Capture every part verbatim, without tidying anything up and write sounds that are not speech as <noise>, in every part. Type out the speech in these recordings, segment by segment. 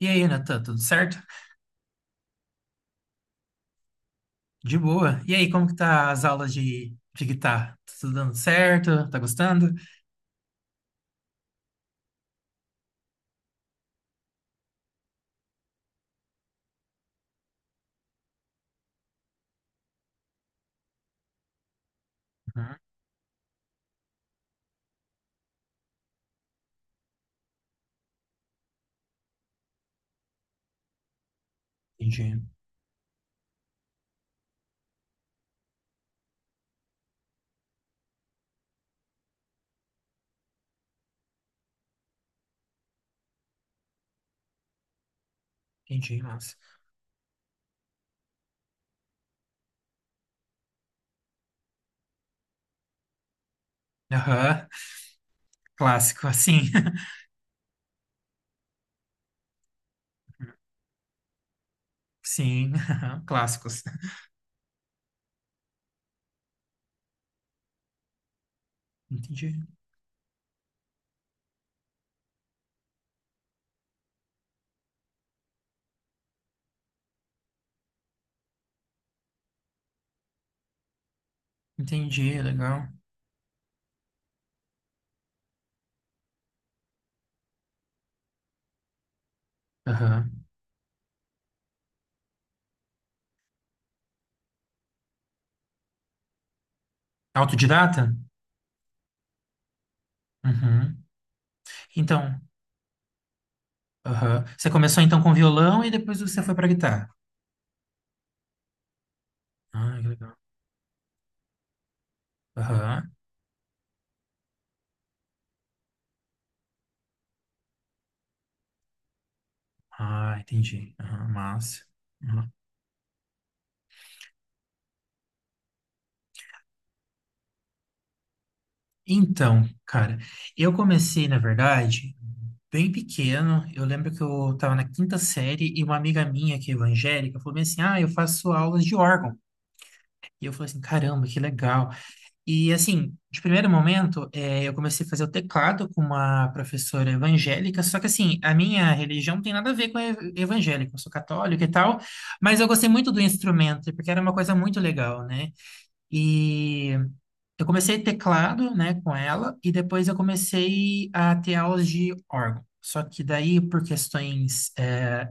E aí, Natan, tudo certo? De boa. E aí, como que tá as aulas de, de guitarra? Tá tudo dando certo? Tá gostando? Uhum, entendi. Entendi, nossa. Aham, clássico, assim. <laughs> Sim, aham, clássicos. Entendi. Entendi, legal. Aham. Autodidata? Uhum. Então, aham. Você começou então com violão e depois você foi pra guitarra. Ah, que legal. Aham. Ah, entendi. Aham, massa. Aham. Então, cara, eu comecei, na verdade, bem pequeno. Eu lembro que eu estava na quinta série e uma amiga minha, que é evangélica, falou bem assim: ah, eu faço aulas de órgão. E eu falei assim: caramba, que legal. E assim, de primeiro momento, eh, eu comecei a fazer o teclado com uma professora evangélica. Só que assim, a minha religião não tem nada a ver com a ev- evangélica. Eu sou católico e tal. Mas eu gostei muito do instrumento, porque era uma coisa muito legal, né? E eu comecei teclado, né, com ela, e depois eu comecei a ter aulas de órgão. Só que daí, por questões, eh,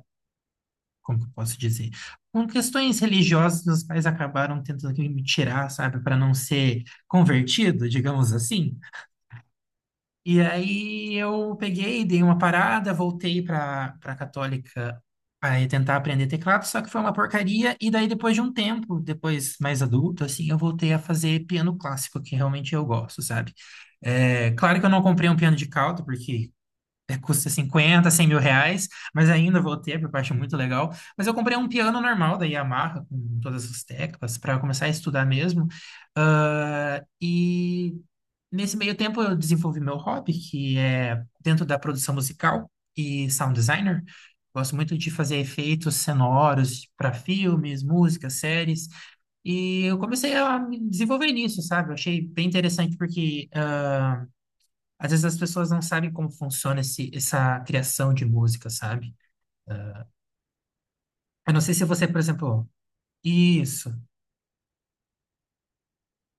como que eu posso dizer? Com questões religiosas, meus pais acabaram tentando que me tirar, sabe, para não ser convertido, digamos assim. E aí eu peguei, dei uma parada, voltei para para católica para tentar aprender teclado, só que foi uma porcaria. E daí depois de um tempo, depois mais adulto, assim, eu voltei a fazer piano clássico, que realmente eu gosto, sabe? É, claro que eu não comprei um piano de cauda, porque é, custa cinquenta, cem mil reais, mas ainda vou ter, porque eu acho muito legal. Mas eu comprei um piano normal da Yamaha, com todas as teclas, para começar a estudar mesmo. Ah, e nesse meio tempo eu desenvolvi meu hobby, que é dentro da produção musical e sound designer. Gosto muito de fazer efeitos sonoros para filmes, músicas, séries. E eu comecei a me desenvolver nisso, sabe? Eu achei bem interessante porque às vezes as pessoas não sabem como funciona esse, essa criação de música, sabe? Eu não sei se você, por exemplo, isso.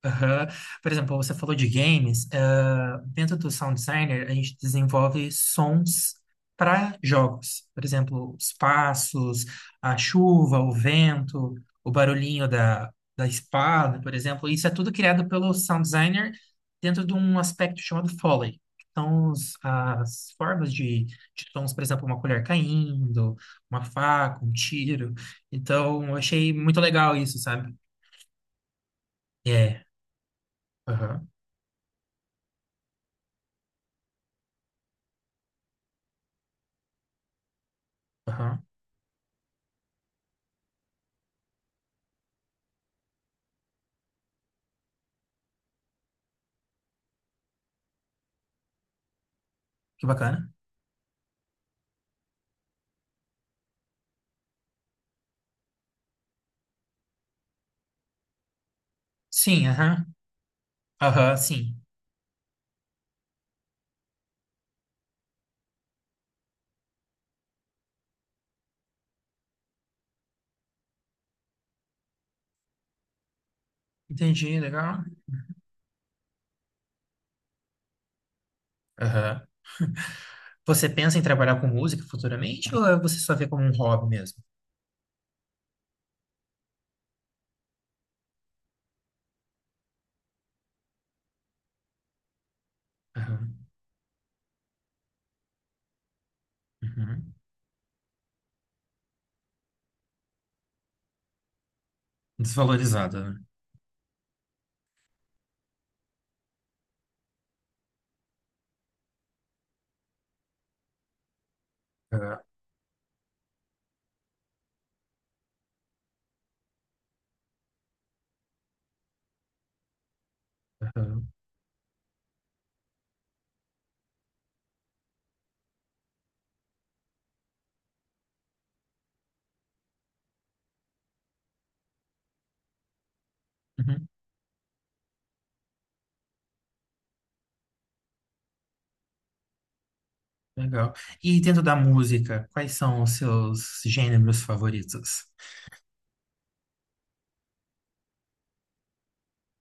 Aham. Por exemplo, você falou de games. ah, dentro do Sound Designer, a gente desenvolve sons para jogos. Por exemplo, os passos, a chuva, o vento, o barulhinho da, da espada, por exemplo. Isso é tudo criado pelo Sound Designer dentro de um aspecto chamado Foley. São os- as formas de, de sons, por exemplo, uma colher caindo, uma faca, um tiro. Então, eu achei muito legal isso, sabe? É. Aham. Aham. Que bacana. Sim, aham. Aham, sim. Entendi, legal. Aham. Você pensa em trabalhar com música futuramente ou é você só vê como um hobby mesmo? Aham. Uhum. Desvalorizada, né? Aham. Aham. Uhum. Legal. E dentro da música, quais são os seus gêneros favoritos?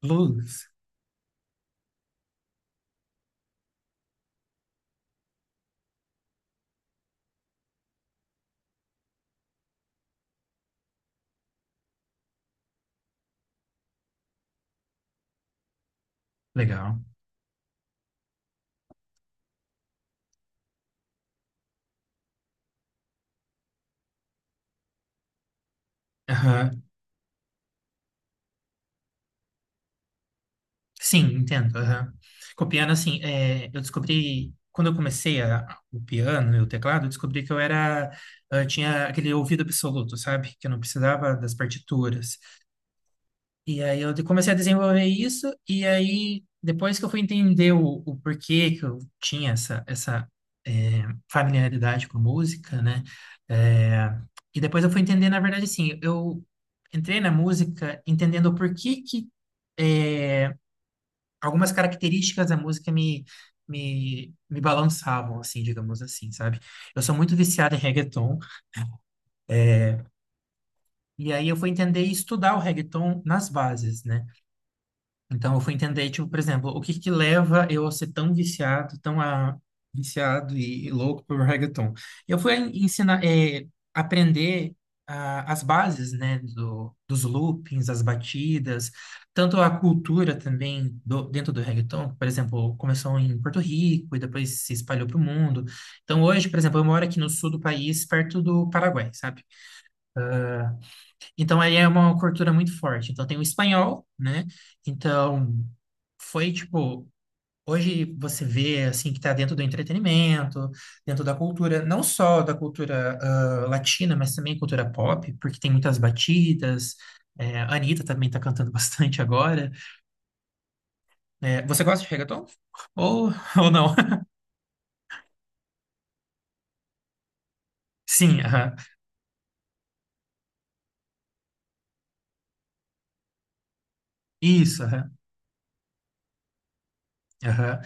Blues? Legal. Aham. Sim, entendo. Aham. Com o piano, assim, é, eu descobri, quando eu comecei a- o piano e o teclado, eu descobri que eu era, eu tinha aquele ouvido absoluto, sabe? Que eu não precisava das partituras. E aí eu de- comecei a desenvolver isso, e aí depois que eu fui entender o, o porquê que eu tinha essa, essa é, familiaridade com a música, né? É, e depois eu fui entender, na verdade, assim, eu entrei na música entendendo o porquê que eh, algumas características da música me, me, me balançavam, assim, digamos assim, sabe? Eu sou muito viciado em reggaeton, eh, e aí eu fui entender e estudar o reggaeton nas bases, né? Então eu fui entender, tipo, por exemplo, o que que leva eu a ser tão viciado, tão ah, viciado e louco por reggaeton. Eu fui en- ensinar, eh, aprender ah, as bases, né, do, dos loopings, as batidas, tanto a cultura também do, dentro do reggaeton, por exemplo, começou em Porto Rico e depois se espalhou para o mundo. Então hoje, por exemplo, eu moro aqui no sul do país, perto do Paraguai, sabe? Então, aí é uma cultura muito forte. Então, tem o espanhol, né? Então, foi tipo. Hoje você vê, assim, que está dentro do entretenimento, dentro da cultura, não só da cultura ah, latina, mas também cultura pop, porque tem muitas batidas. É, a Anitta também está cantando <laughs> bastante agora. É, você gosta de reggaeton? Ou, ou não? <laughs> Sim, aham. Isso, aham. Aham.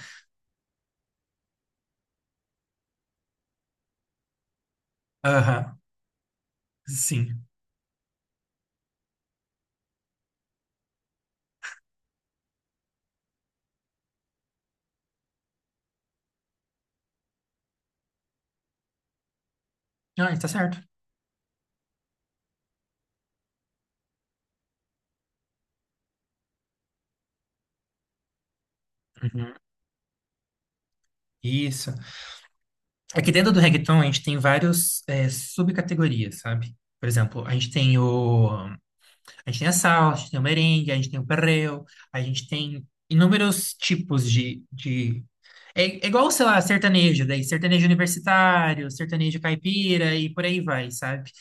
Aham. Sim. Ah, está certo. Uhum. Isso. Aqui dentro do reggaeton a gente tem vários é, subcategorias, sabe? Por exemplo, a gente tem o a gente tem a salsa, a gente tem o merengue, a gente tem o perreo, a gente tem inúmeros tipos de, de... É, é igual, sei lá, sertanejo, daí sertanejo universitário, sertanejo caipira e por aí vai, sabe?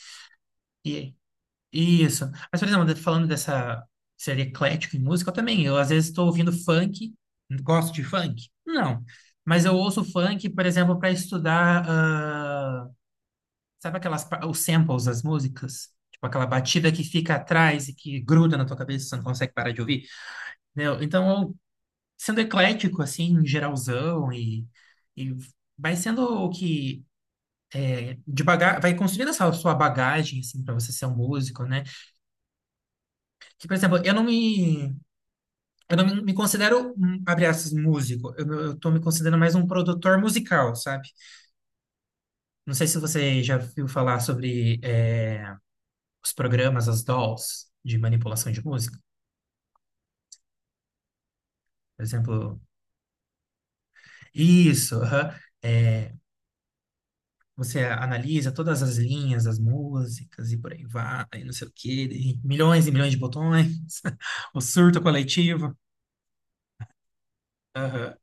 E e isso. Mas, por exemplo, falando dessa ser eclético em música, eu também, eu às vezes estou ouvindo funk, gosto de funk? Não. Mas eu ouço funk, por exemplo, para estudar ah, sabe aquelas, pa- os samples das músicas? Tipo aquela batida que fica atrás e que gruda na tua cabeça, você não consegue parar de ouvir, né? Então, eu, sendo eclético, assim, geralzão, e, e vai sendo o que. é, de baga vai construindo essa sua bagagem, assim, para você ser um músico, né? Que, por exemplo, eu não me. Eu não me me considero, hum, abre aspas, músico. Eu, eu tô me considerando mais um produtor musical, sabe? Não sei se você já viu falar sobre é, os programas, as dolls de manipulação de música. Por exemplo, isso, aham. É, você analisa todas as linhas das músicas e por aí vai, não sei o quê, e milhões e milhões de botões, <laughs> o surto coletivo. Aham,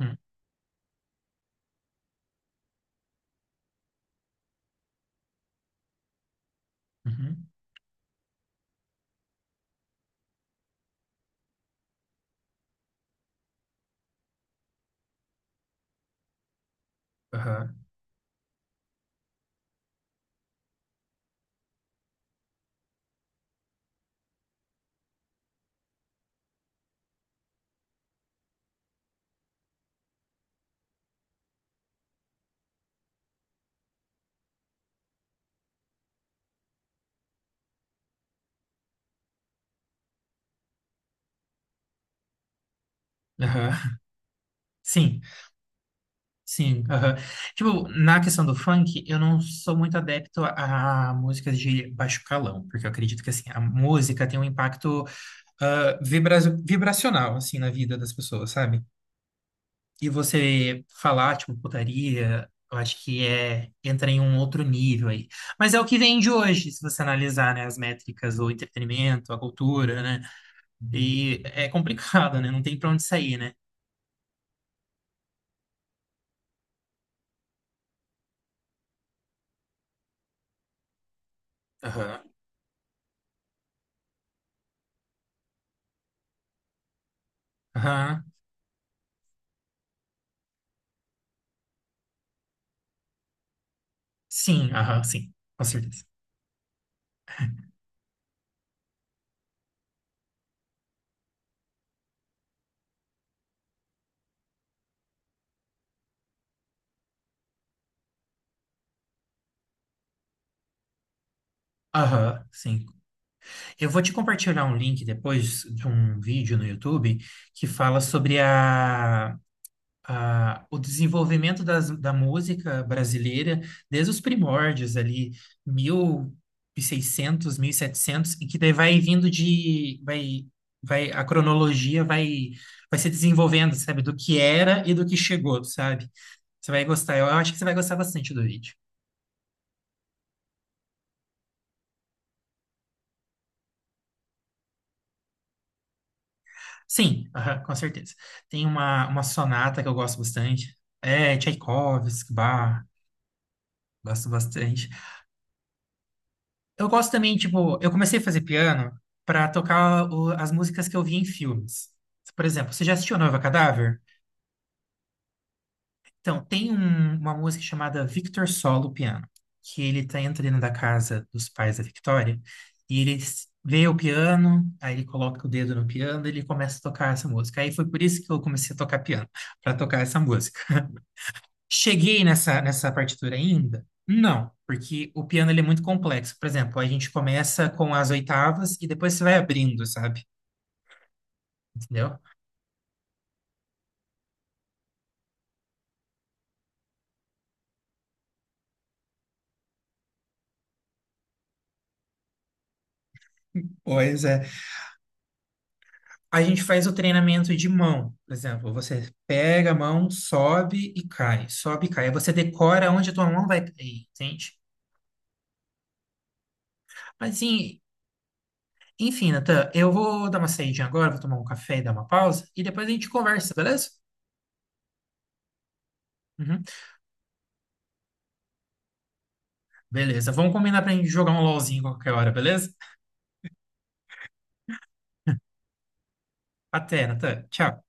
uhum, uhum, aham, aham. Sim, sim. Aham. Tipo, na questão do funk, eu não sou muito adepto a, a músicas de baixo calão, porque eu acredito que assim, a música tem um impacto ah, vibra- vibracional assim, na vida das pessoas, sabe? E você falar, tipo, putaria, eu acho que é, entra em um outro nível aí. Mas é o que vende hoje, se você analisar, né, as métricas, o entretenimento, a cultura, né? E é complicado, né? Não tem pra onde sair, né? Aham. Aham. Sim, aham, sim. Com certeza. Aham, sim. Eu vou te compartilhar um link depois de um vídeo no YouTube que fala sobre a a- o desenvolvimento das, da música brasileira desde os primórdios ali, mil e seiscentos, mil e setecentos, e setecentos, e que daí vai vindo de, vai, vai, a cronologia vai, vai se desenvolvendo, sabe, do que era e do que chegou, sabe? Você vai gostar, eu acho que você vai gostar bastante do vídeo. Sim, aham, com certeza. Tem uma, uma sonata que eu gosto bastante, é Tchaikovsky, Bach, gosto bastante. Eu gosto também, tipo, eu comecei a fazer piano pra tocar o- as músicas que eu vi em filmes. Por exemplo, você já assistiu Noiva Cadáver? Então, tem um- uma música chamada Victor Solo Piano, que ele tá entra dentro da casa dos pais da Victoria e ele s- vê o piano, aí ele coloca o dedo no piano e ele começa a tocar essa música. Aí foi por isso que eu comecei a tocar piano, pra tocar essa música. <laughs> Cheguei nessa, nessa partitura ainda? Não, porque o piano ele é muito complexo. Por exemplo, a gente começa com as oitavas e depois você vai abrindo, sabe? Entendeu? Pois é. A gente faz o treinamento de mão. Por exemplo, você pega a mão, sobe e cai, sobe e cai. Aí você decora onde a tua mão vai cair, entende? Mas assim, enfim, Natan, eu vou dar uma saída agora, vou tomar um café e dar uma pausa e depois a gente conversa, beleza? Uhum. Beleza, vamos combinar pra gente jogar um LOLzinho qualquer hora, beleza? Até, Natan. Tchau.